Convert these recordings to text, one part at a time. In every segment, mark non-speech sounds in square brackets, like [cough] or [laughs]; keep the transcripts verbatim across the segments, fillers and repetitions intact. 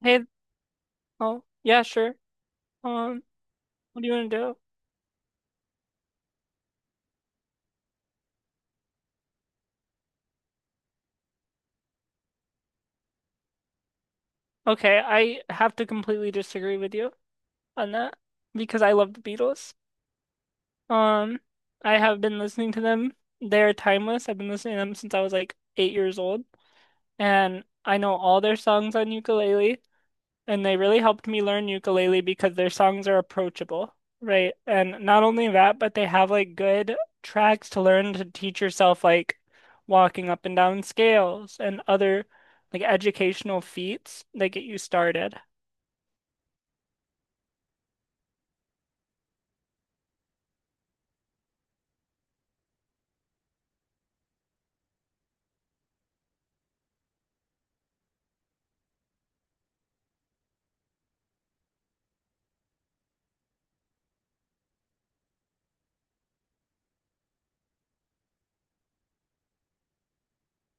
Hey, oh, yeah, sure. Um, what do you want to do? Okay, I have to completely disagree with you on that because I love the Beatles. Um, I have been listening to them. They're timeless. I've been listening to them since I was like eight years old, and I know all their songs on ukulele. And they really helped me learn ukulele because their songs are approachable, right? And not only that, but they have like good tracks to learn to teach yourself like walking up and down scales and other like educational feats that get you started.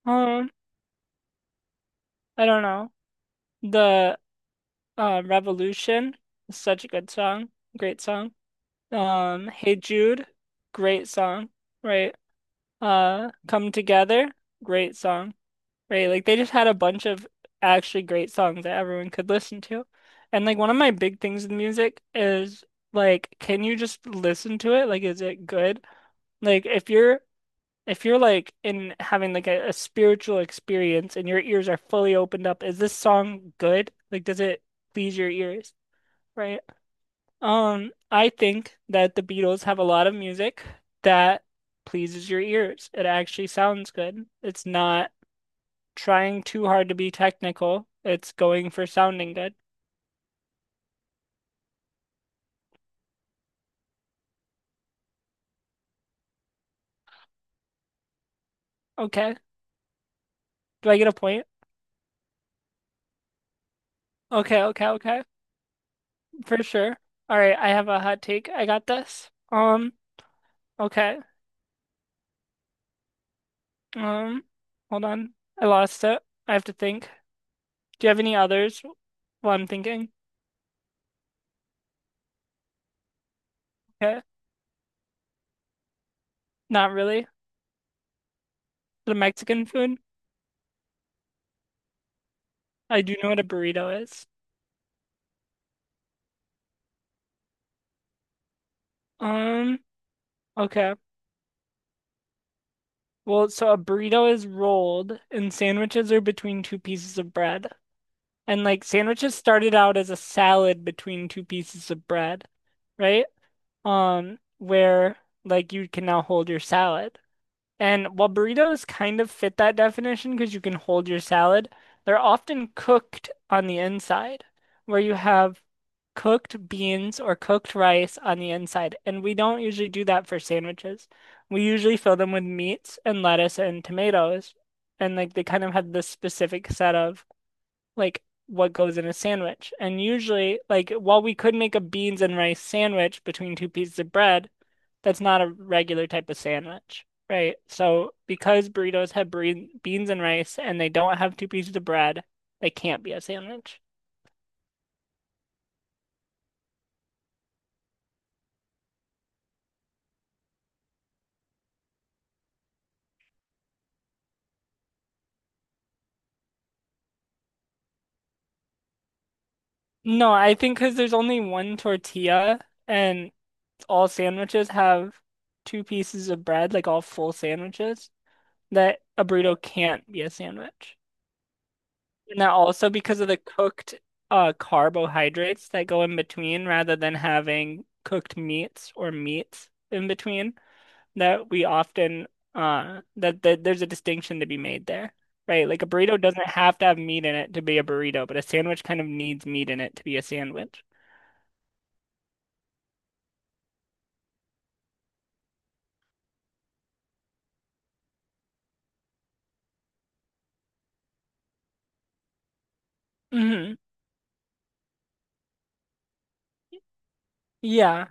Um, I don't know. The uh, Revolution is such a good song, great song. Um, Hey Jude, great song, right? Uh, Come Together, great song. Right, like they just had a bunch of actually great songs that everyone could listen to. And like one of my big things with music is like can you just listen to it? Like is it good? Like if you're if you're like in having like a, a spiritual experience and your ears are fully opened up, is this song good? Like does it please your ears? Right? Um, I think that the Beatles have a lot of music that pleases your ears. It actually sounds good. It's not trying too hard to be technical. It's going for sounding good. Okay. Do I get a point? Okay, okay, okay. For sure. All right, I have a hot take. I got this. Um, okay. Um, hold on. I lost it. I have to think. Do you have any others while I'm thinking? Okay. Not really. The Mexican food? I do know what a burrito is. Um, okay. Well, so a burrito is rolled and sandwiches are between two pieces of bread. And like sandwiches started out as a salad between two pieces of bread, right? Um, where like you can now hold your salad. And while burritos kind of fit that definition because you can hold your salad, they're often cooked on the inside, where you have cooked beans or cooked rice on the inside. And we don't usually do that for sandwiches. We usually fill them with meats and lettuce and tomatoes. And like they kind of have this specific set of like what goes in a sandwich. And usually, like while we could make a beans and rice sandwich between two pieces of bread, that's not a regular type of sandwich, right? So because burritos have bre beans and rice and they don't have two pieces of bread, they can't be a sandwich. No, I think because there's only one tortilla and all sandwiches have two pieces of bread, like all full sandwiches, that a burrito can't be a sandwich. And they also because of the cooked uh, carbohydrates that go in between rather than having cooked meats or meats in between that we often uh that, that there's a distinction to be made there, right? Like a burrito doesn't have to have meat in it to be a burrito, but a sandwich kind of needs meat in it to be a sandwich. Hmm. Yeah.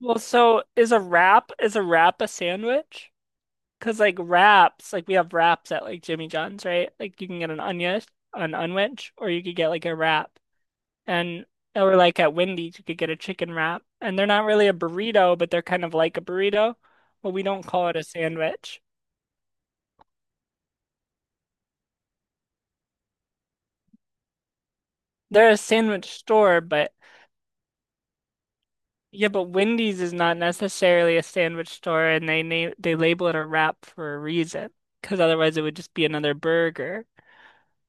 Well, so is a wrap is a wrap a sandwich? Cause like wraps, like we have wraps at like Jimmy John's, right? Like you can get an onion, an unwedge, or you could get like a wrap. And or like at Wendy's, you could get a chicken wrap. And they're not really a burrito, but they're kind of like a burrito, but we don't call it a sandwich. They're a sandwich store, but yeah, but Wendy's is not necessarily a sandwich store, and they name they label it a wrap for a reason, because otherwise it would just be another burger.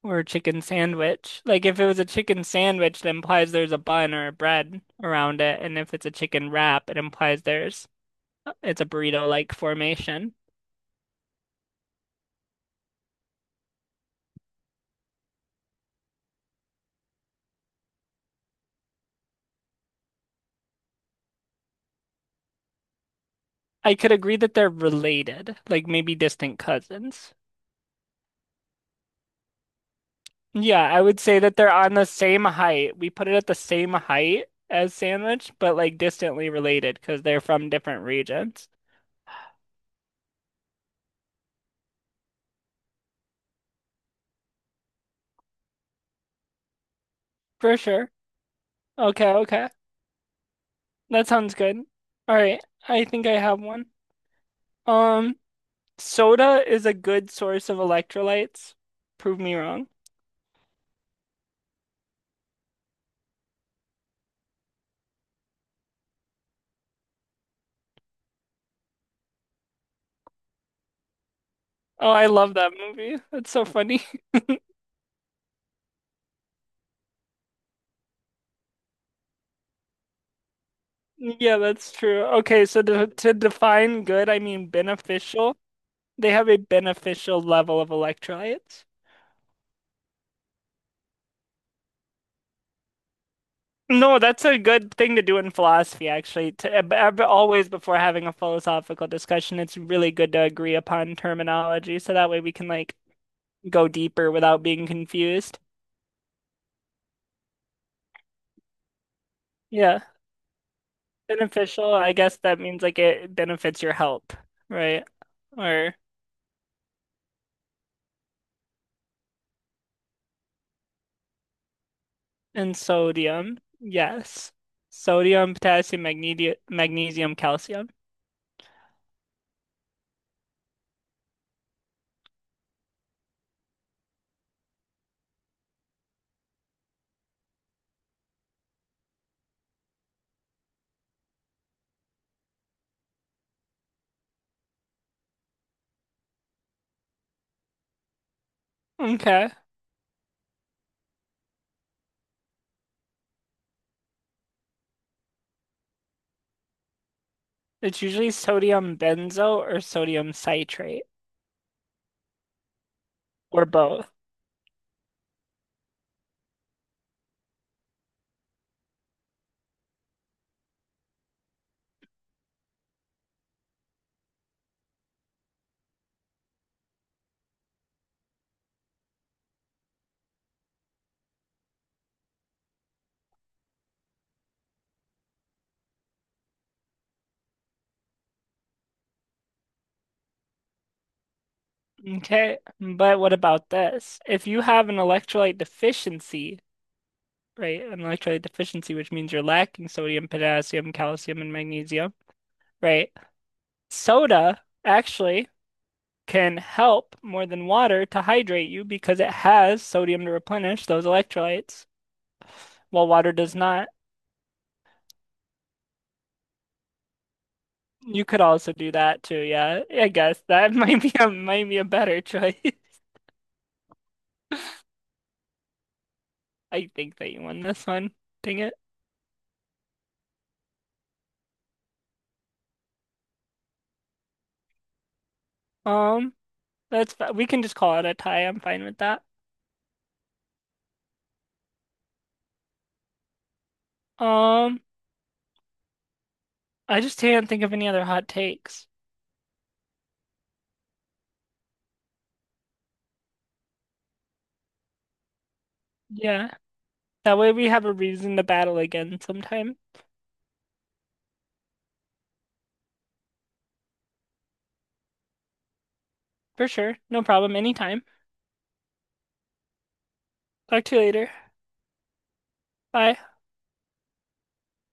Or a chicken sandwich. Like if it was a chicken sandwich, that implies there's a bun or a bread around it. And if it's a chicken wrap, it implies there's uh, it's a burrito-like formation. I could agree that they're related, like maybe distant cousins. Yeah, I would say that they're on the same height. We put it at the same height as sandwich, but like distantly related because they're from different regions. For sure. Okay, okay. That sounds good. All right. I think I have one. Um, soda is a good source of electrolytes. Prove me wrong. Oh, I love that movie. That's so funny. [laughs] Yeah, that's true. Okay, so to, to define good, I mean beneficial. They have a beneficial level of electrolytes. No, that's a good thing to do in philosophy, actually. To, ab- ab- always before having a philosophical discussion, it's really good to agree upon terminology so that way we can like go deeper without being confused. Yeah. Beneficial, I guess that means like it benefits your health, right? Or and sodium, yes. Sodium, potassium, magne magnesium, calcium. Okay. It's usually sodium benzo or sodium citrate or both. Okay. But what about this? If you have an electrolyte deficiency, right? An electrolyte deficiency, which means you're lacking sodium, potassium, calcium, and magnesium, right? Soda, actually. Can help more than water to hydrate you because it has sodium to replenish those electrolytes, while water does not. You could also do that too, yeah. I guess that [laughs] might be a might be a better choice. [laughs] I think that you won this one. Dang it. Um, that's fi- we can just call it a tie. I'm fine with that. Um, I just can't think of any other hot takes. Yeah. That way we have a reason to battle again sometime. For sure. No problem. Anytime. Talk to you later. Bye.